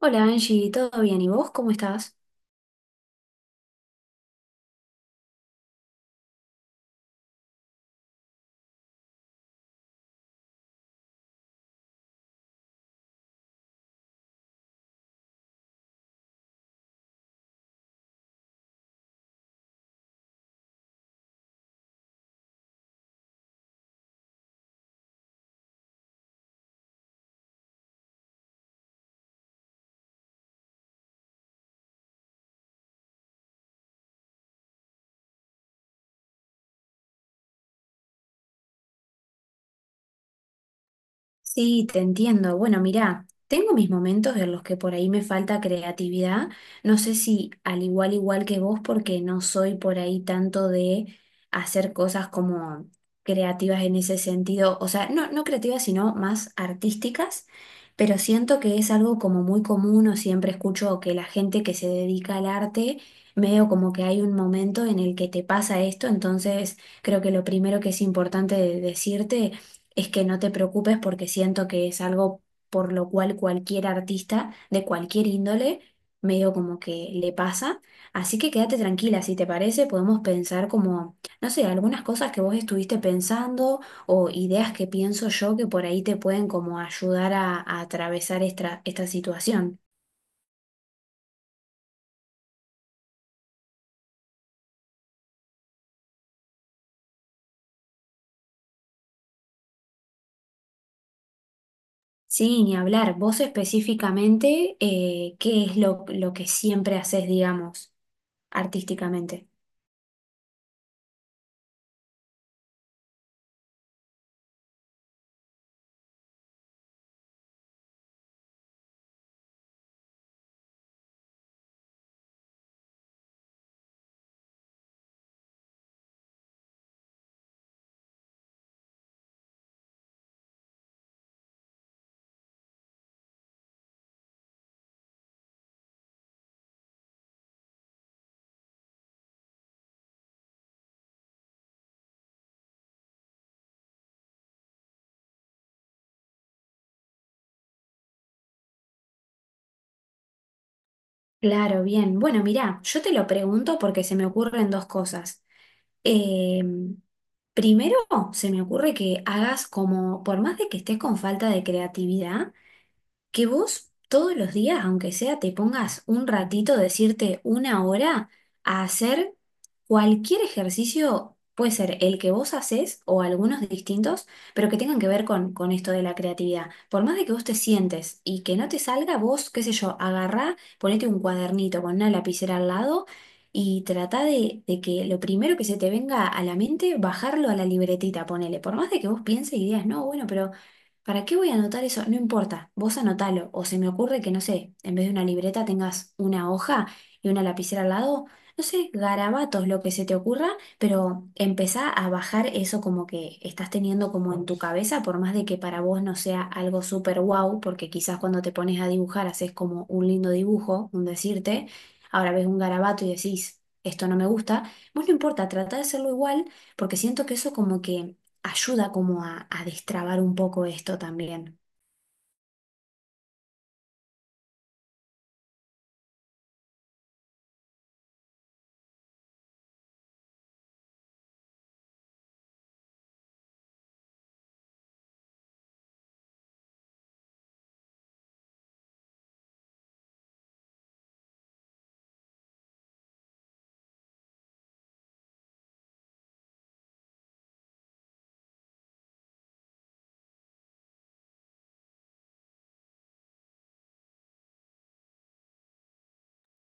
Hola Angie, ¿todo bien? ¿Y vos cómo estás? Sí, te entiendo. Bueno, mirá, tengo mis momentos en los que por ahí me falta creatividad. No sé si al igual que vos, porque no soy por ahí tanto de hacer cosas como creativas en ese sentido. O sea, no creativas, sino más artísticas. Pero siento que es algo como muy común, o siempre escucho que la gente que se dedica al arte, medio como que hay un momento en el que te pasa esto. Entonces, creo que lo primero que es importante decirte es que no te preocupes, porque siento que es algo por lo cual cualquier artista de cualquier índole medio como que le pasa. Así que quédate tranquila, si te parece, podemos pensar como, no sé, algunas cosas que vos estuviste pensando, o ideas que pienso yo que por ahí te pueden como ayudar a atravesar esta, esta situación. Sí, ni hablar. Vos específicamente, ¿qué es lo que siempre haces, digamos, artísticamente? Claro, bien. Bueno, mirá, yo te lo pregunto porque se me ocurren dos cosas. Eh, Primero, se me ocurre que hagas como, por más de que estés con falta de creatividad, que vos todos los días, aunque sea, te pongas un ratito, decirte una hora, a hacer cualquier ejercicio, puede ser el que vos haces o algunos distintos, pero que tengan que ver con esto de la creatividad. Por más de que vos te sientes y que no te salga, vos, qué sé yo, agarrá, ponete un cuadernito con una lapicera al lado. Y trata de que lo primero que se te venga a la mente, bajarlo a la libretita, ponele. Por más de que vos pienses y digas, no, bueno, pero ¿para qué voy a anotar eso? No importa, vos anotalo. O se me ocurre que, no sé, en vez de una libreta tengas una hoja y una lapicera al lado. No sé, garabatos, lo que se te ocurra, pero empezá a bajar eso como que estás teniendo como en tu cabeza, por más de que para vos no sea algo súper wow, porque quizás cuando te pones a dibujar haces como un lindo dibujo, un decirte, ahora ves un garabato y decís, esto no me gusta, vos no importa, trata de hacerlo igual, porque siento que eso como que ayuda como a destrabar un poco esto también.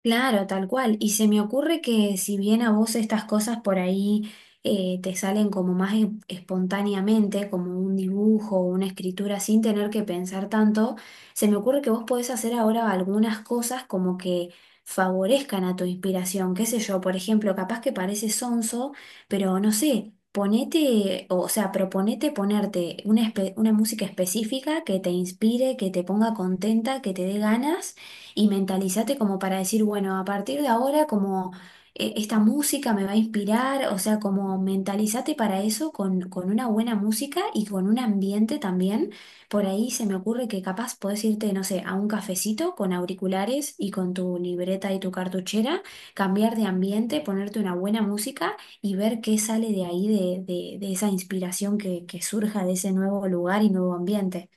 Claro, tal cual. Y se me ocurre que si bien a vos estas cosas por ahí te salen como más espontáneamente, como un dibujo o una escritura sin tener que pensar tanto, se me ocurre que vos podés hacer ahora algunas cosas como que favorezcan a tu inspiración. Qué sé yo, por ejemplo, capaz que parece sonso, pero no sé, ponete, o sea, proponete ponerte una, una música específica que te inspire, que te ponga contenta, que te dé ganas, y mentalízate como para decir, bueno, a partir de ahora como esta música me va a inspirar, o sea, como mentalízate para eso con una buena música y con un ambiente también. Por ahí se me ocurre que capaz podés irte, no sé, a un cafecito con auriculares y con tu libreta y tu cartuchera, cambiar de ambiente, ponerte una buena música y ver qué sale de ahí, de, de esa inspiración que surja de ese nuevo lugar y nuevo ambiente.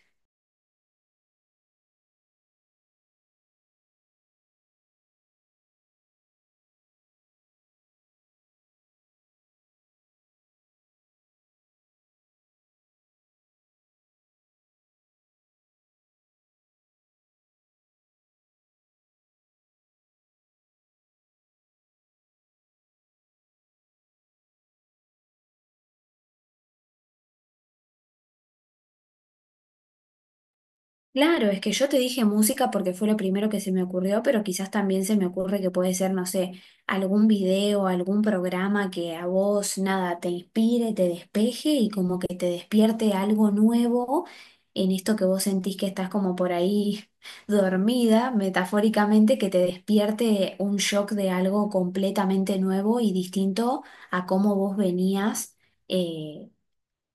Claro, es que yo te dije música porque fue lo primero que se me ocurrió, pero quizás también se me ocurre que puede ser, no sé, algún video, algún programa que a vos nada te inspire, te despeje y como que te despierte algo nuevo en esto que vos sentís que estás como por ahí dormida, metafóricamente, que te despierte un shock de algo completamente nuevo y distinto a cómo vos venías. eh,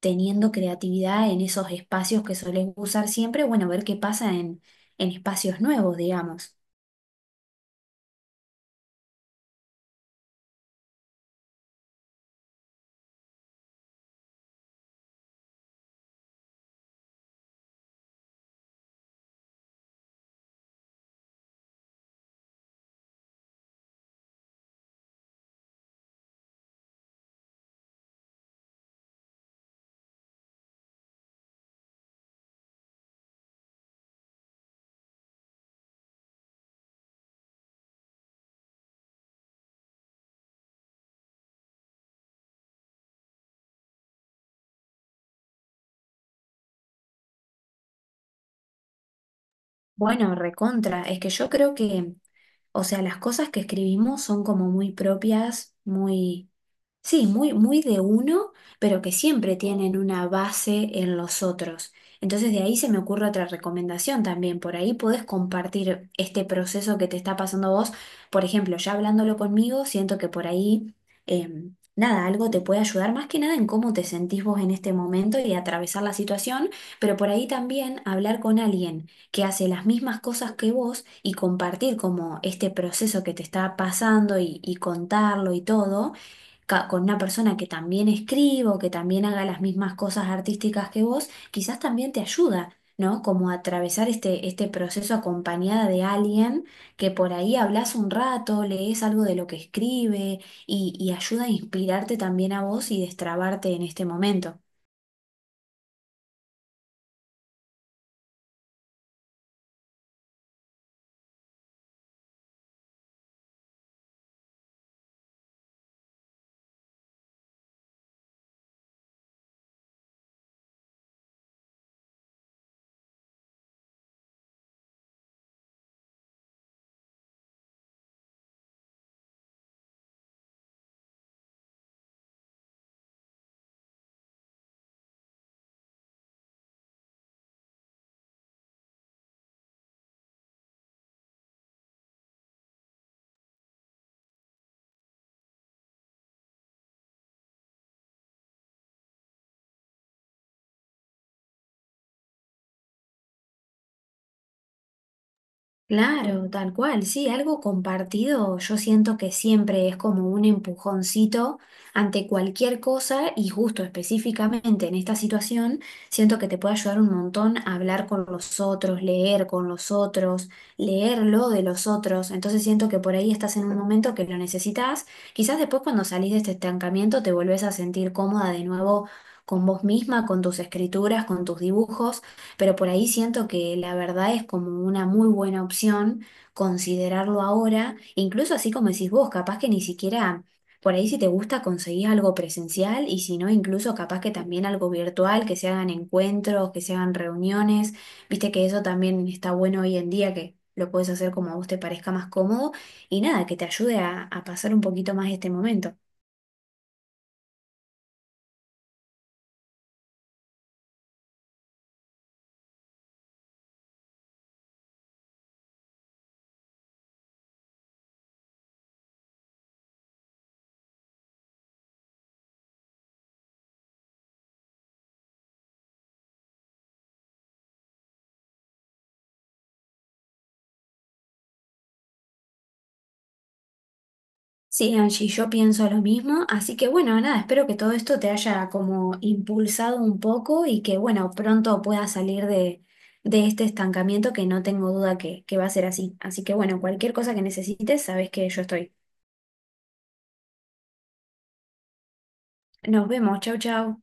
Teniendo creatividad en esos espacios que solés usar siempre, bueno, ver qué pasa en espacios nuevos, digamos. Bueno, recontra, es que yo creo que, o sea, las cosas que escribimos son como muy propias, muy, sí, muy, muy de uno, pero que siempre tienen una base en los otros. Entonces de ahí se me ocurre otra recomendación también, por ahí podés compartir este proceso que te está pasando a vos, por ejemplo, ya hablándolo conmigo, siento que por ahí, nada, algo te puede ayudar más que nada en cómo te sentís vos en este momento y atravesar la situación, pero por ahí también hablar con alguien que hace las mismas cosas que vos y compartir como este proceso que te está pasando y contarlo y todo con una persona que también escriba o que también haga las mismas cosas artísticas que vos, quizás también te ayuda, ¿no? Como a atravesar este, este proceso acompañada de alguien que por ahí hablas un rato, lees algo de lo que escribe y ayuda a inspirarte también a vos y destrabarte en este momento. Claro, tal cual, sí, algo compartido yo siento que siempre es como un empujoncito ante cualquier cosa, y justo específicamente en esta situación siento que te puede ayudar un montón a hablar con los otros, leer con los otros, leerlo de los otros, entonces siento que por ahí estás en un momento que lo necesitas, quizás después cuando salís de este estancamiento te volvés a sentir cómoda de nuevo con vos misma, con tus escrituras, con tus dibujos, pero por ahí siento que la verdad es como una muy buena opción considerarlo ahora, incluso así como decís vos, capaz que ni siquiera, por ahí si te gusta conseguís algo presencial y si no, incluso capaz que también algo virtual, que se hagan encuentros, que se hagan reuniones, viste que eso también está bueno hoy en día que... Lo puedes hacer como a vos te parezca más cómodo y nada, que te ayude a pasar un poquito más este momento. Sí, Angie, yo pienso lo mismo, así que bueno, nada, espero que todo esto te haya como impulsado un poco y que bueno, pronto puedas salir de este estancamiento que no tengo duda que va a ser así. Así que bueno, cualquier cosa que necesites, sabes que yo estoy. Nos vemos, chau, chau.